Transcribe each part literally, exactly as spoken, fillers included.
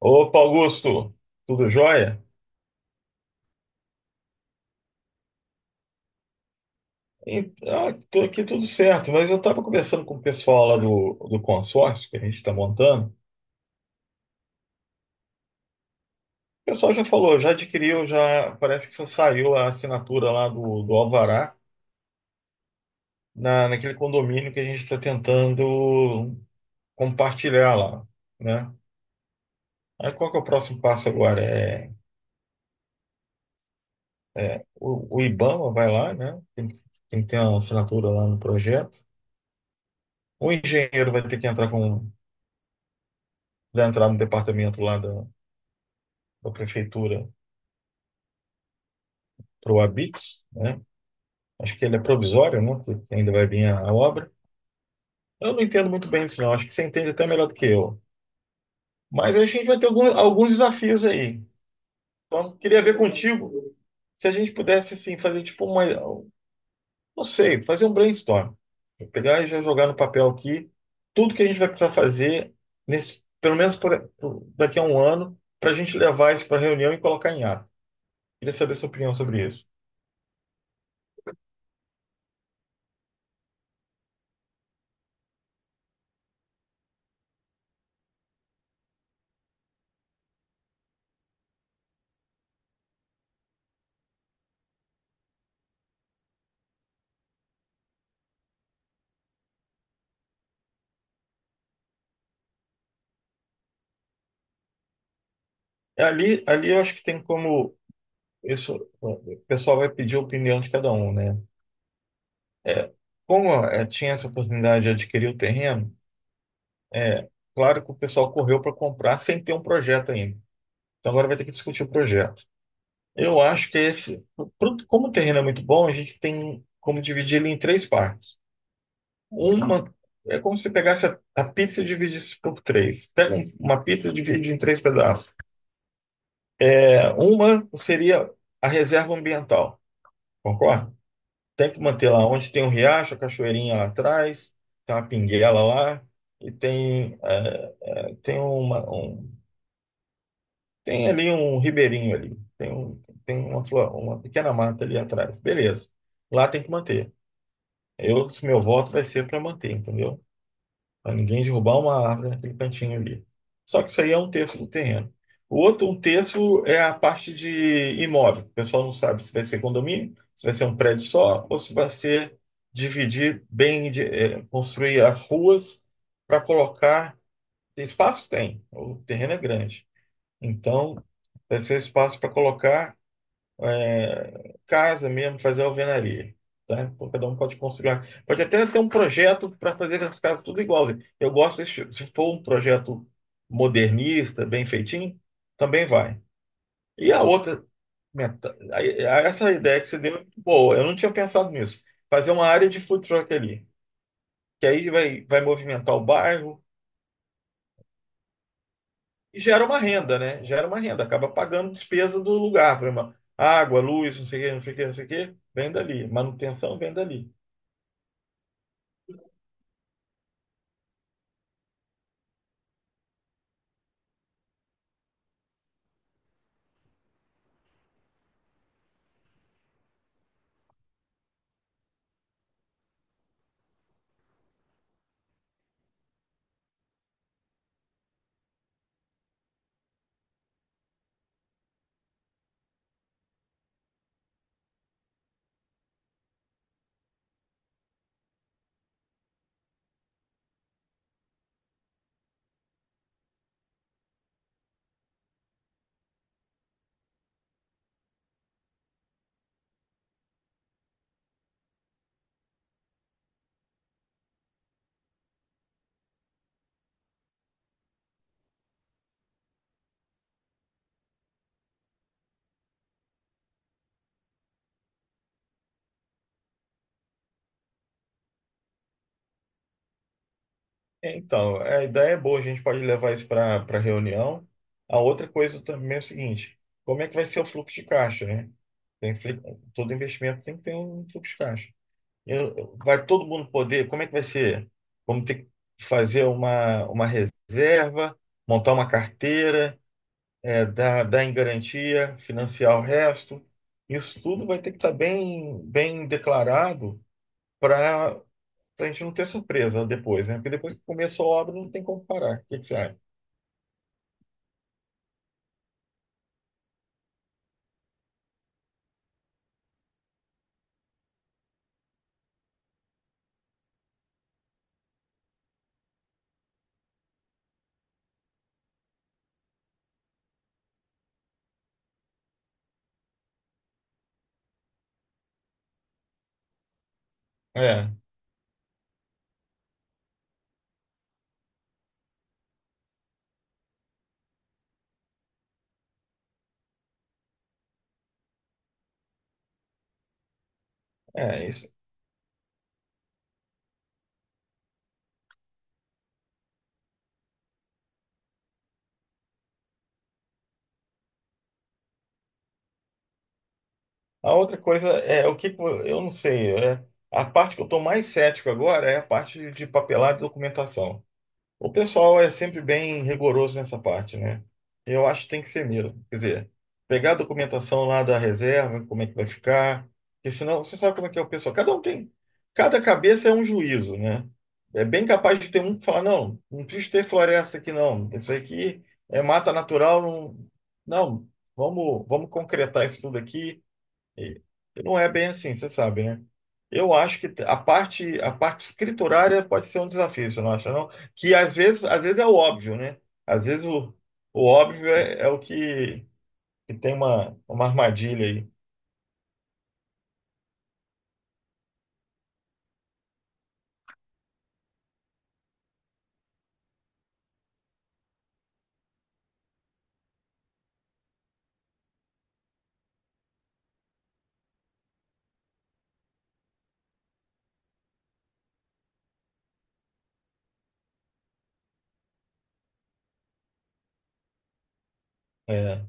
Opa, Augusto, tudo jóia? Então, tô aqui tudo certo, mas eu estava conversando com o pessoal lá do, do consórcio que a gente está montando. O pessoal já falou, já adquiriu, já parece que só saiu a assinatura lá do, do Alvará na, naquele condomínio que a gente está tentando compartilhar lá, né? Aí qual que é o próximo passo agora? É, é, o, o IBAMA vai lá, né? Tem, que- tem que ter a assinatura lá no projeto. O engenheiro vai ter que entrar com, vai entrar no departamento lá da prefeitura para o Abits, né? Acho que ele é provisório, né? Porque ainda vai vir a, a obra. Eu não entendo muito bem isso, não. Acho que você entende até melhor do que eu. Mas a gente vai ter algum- alguns desafios aí. Então, queria ver contigo se a gente pudesse assim fazer tipo uma, não sei, fazer um brainstorm. Vou pegar e já jogar no papel aqui tudo que a gente vai precisar fazer nesse, pelo menos por- por- daqui a um ano, para a gente levar isso para a reunião e colocar em ato. Queria saber sua opinião sobre isso. É, Ali, ali eu acho que tem como isso, o pessoal vai pedir a opinião de cada um, né? Como eh, tinha essa oportunidade de adquirir o terreno, é claro que o pessoal correu para comprar sem ter um projeto ainda. Então agora vai ter que discutir o projeto. Eu acho que esse, pro- como o terreno é muito bom, a gente tem como dividir ele em três partes. Uma é como se pegasse a, a pizza e dividisse por três. Pega um- uma pizza e divide em três pedaços. É, uma seria a reserva ambiental, concorda? Tem que manter lá onde tem um riacho, a cachoeirinha lá atrás, tem uma pinguela lá e tem, é, tem uma, um, tem ali um ribeirinho ali, tem, um, tem uma, flor- uma pequena mata ali atrás. Beleza. Lá tem que manter. Eu, meu voto vai ser para manter, entendeu? Para ninguém derrubar uma árvore naquele cantinho ali. Só que isso aí é um terço do terreno. O outro, um terço, é a parte de imóvel. O pessoal não sabe se vai ser condomínio, se vai ser um prédio só, ou se vai ser dividir bem, de- eh, construir as ruas para colocar. Espaço tem, o terreno é grande. Então, vai ser espaço para colocar é, casa mesmo, fazer alvenaria. Tá? Então, cada um pode construir. Pode até ter um projeto para fazer as casas tudo igual. Eu gosto, desse- se for um projeto modernista, bem feitinho, também vai. E a outra, meta- aí- essa ideia que você deu é muito boa. Eu não tinha pensado nisso. Fazer uma área de food truck ali, que aí vai, vai movimentar o bairro e gera uma renda, né? Gera uma renda, acaba pagando despesa do lugar, por exemplo, água, luz, não sei o quê, não sei o quê, não sei o quê, vem dali. Manutenção vem dali. É, Então, a ideia é boa, a gente pode levar isso para para reunião. A outra coisa também é o seguinte: como é que vai ser o fluxo de caixa, né? Tem, fli- Todo investimento tem que ter um fluxo de caixa. Eu- vai todo mundo poder? Como é que vai ser? Vamos ter que fazer uma, uma reserva, montar uma carteira, é, dar, dar em garantia, financiar o resto. Isso tudo vai ter que estar bem, bem declarado pra gente não ter surpresa depois, né? Porque depois que começou a obra, não tem como parar. O que que você acha? É, é isso. A outra coisa é o que que vo- eu não sei. É, a parte que eu estou mais cético agora é a parte de papelada e documentação. O pessoal é sempre bem rigoroso nessa parte, né? Eu acho que tem que ser mesmo. Quer dizer, pegar a documentação lá da reserva, como é que vai ficar, porque senão você sabe como é que é o pessoal. Cada um tem, cada cabeça é um juízo, né? É bem capaz de ter um que fala, não, não precisa ter floresta aqui, não. Isso aqui é mata natural, não. Não, vamos, vamos concretar isso tudo aqui. E não é bem assim, você sabe, né? Eu acho que a parte, a parte escriturária pode ser um desafio, você não acha, não? Que às vezes, às vezes é o óbvio, né? Às vezes o, o óbvio é, é o que, que tem uma, uma armadilha aí. É.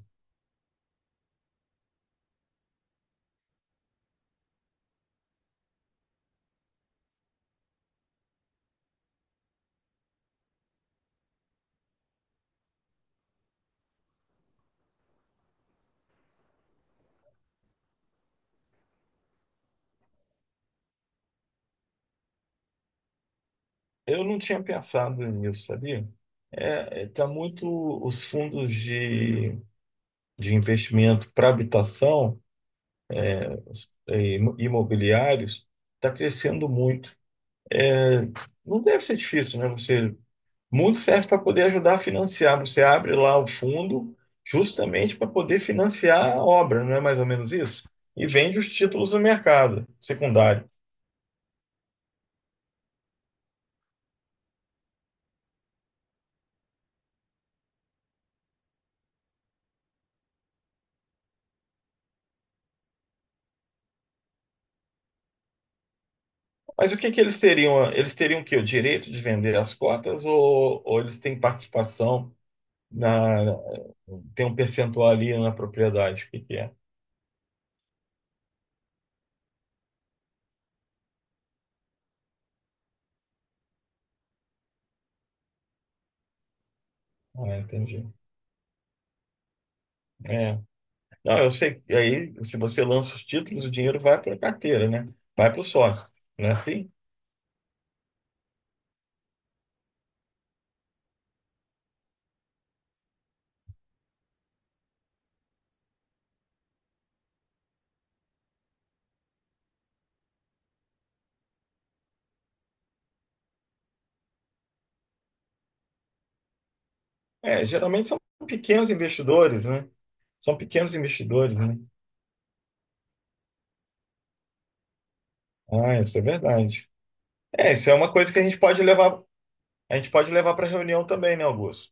Eu não tinha pensado nisso, sabia? É, é, tá muito os fundos de, de investimento para habitação e imobiliários está crescendo muito. É, Não deve ser difícil, né? Você muito serve para poder ajudar a financiar. Você abre lá o fundo justamente para poder financiar a obra, não é mais ou menos isso? E vende os títulos no mercado secundário. Mas o que que eles teriam? Eles teriam que o quê? O direito de vender as cotas ou, ou eles têm participação na tem um percentual ali na propriedade? O que que é? Ah, entendi. É. Não, eu sei. Que aí, se você lança os títulos, o dinheiro vai para a carteira, né? Vai para o sócio, não é assim? É, geralmente são pequenos investidores, né? São pequenos investidores, né? Ah, isso é verdade. É, isso é uma coisa que a gente pode levar, a gente pode levar para reunião também, né, Augusto?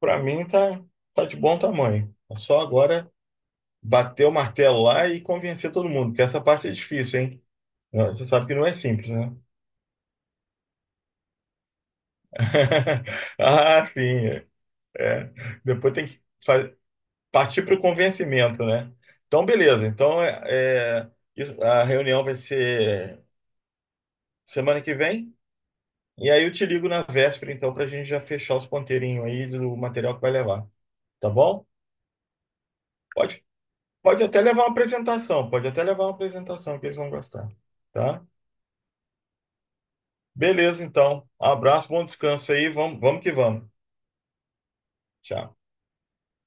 Para mim tá, tá de bom tamanho. É só agora bater o martelo lá e convencer todo mundo, que essa parte é difícil, hein? Não, você sabe que não é simples, né? Ah, sim. É. Depois tem que fa- Partir para o convencimento, né? Então, beleza. Então, é, é, isso- a reunião vai ser semana que vem? E aí eu te ligo na véspera, então, para a gente já fechar os ponteirinhos aí do material que vai levar. Tá bom? Pode, pode até levar uma apresentação, pode até levar uma apresentação que eles vão gostar. Tá? Beleza, então. Abraço, bom descanso aí. Vamos, vamos que vamos. Tchau.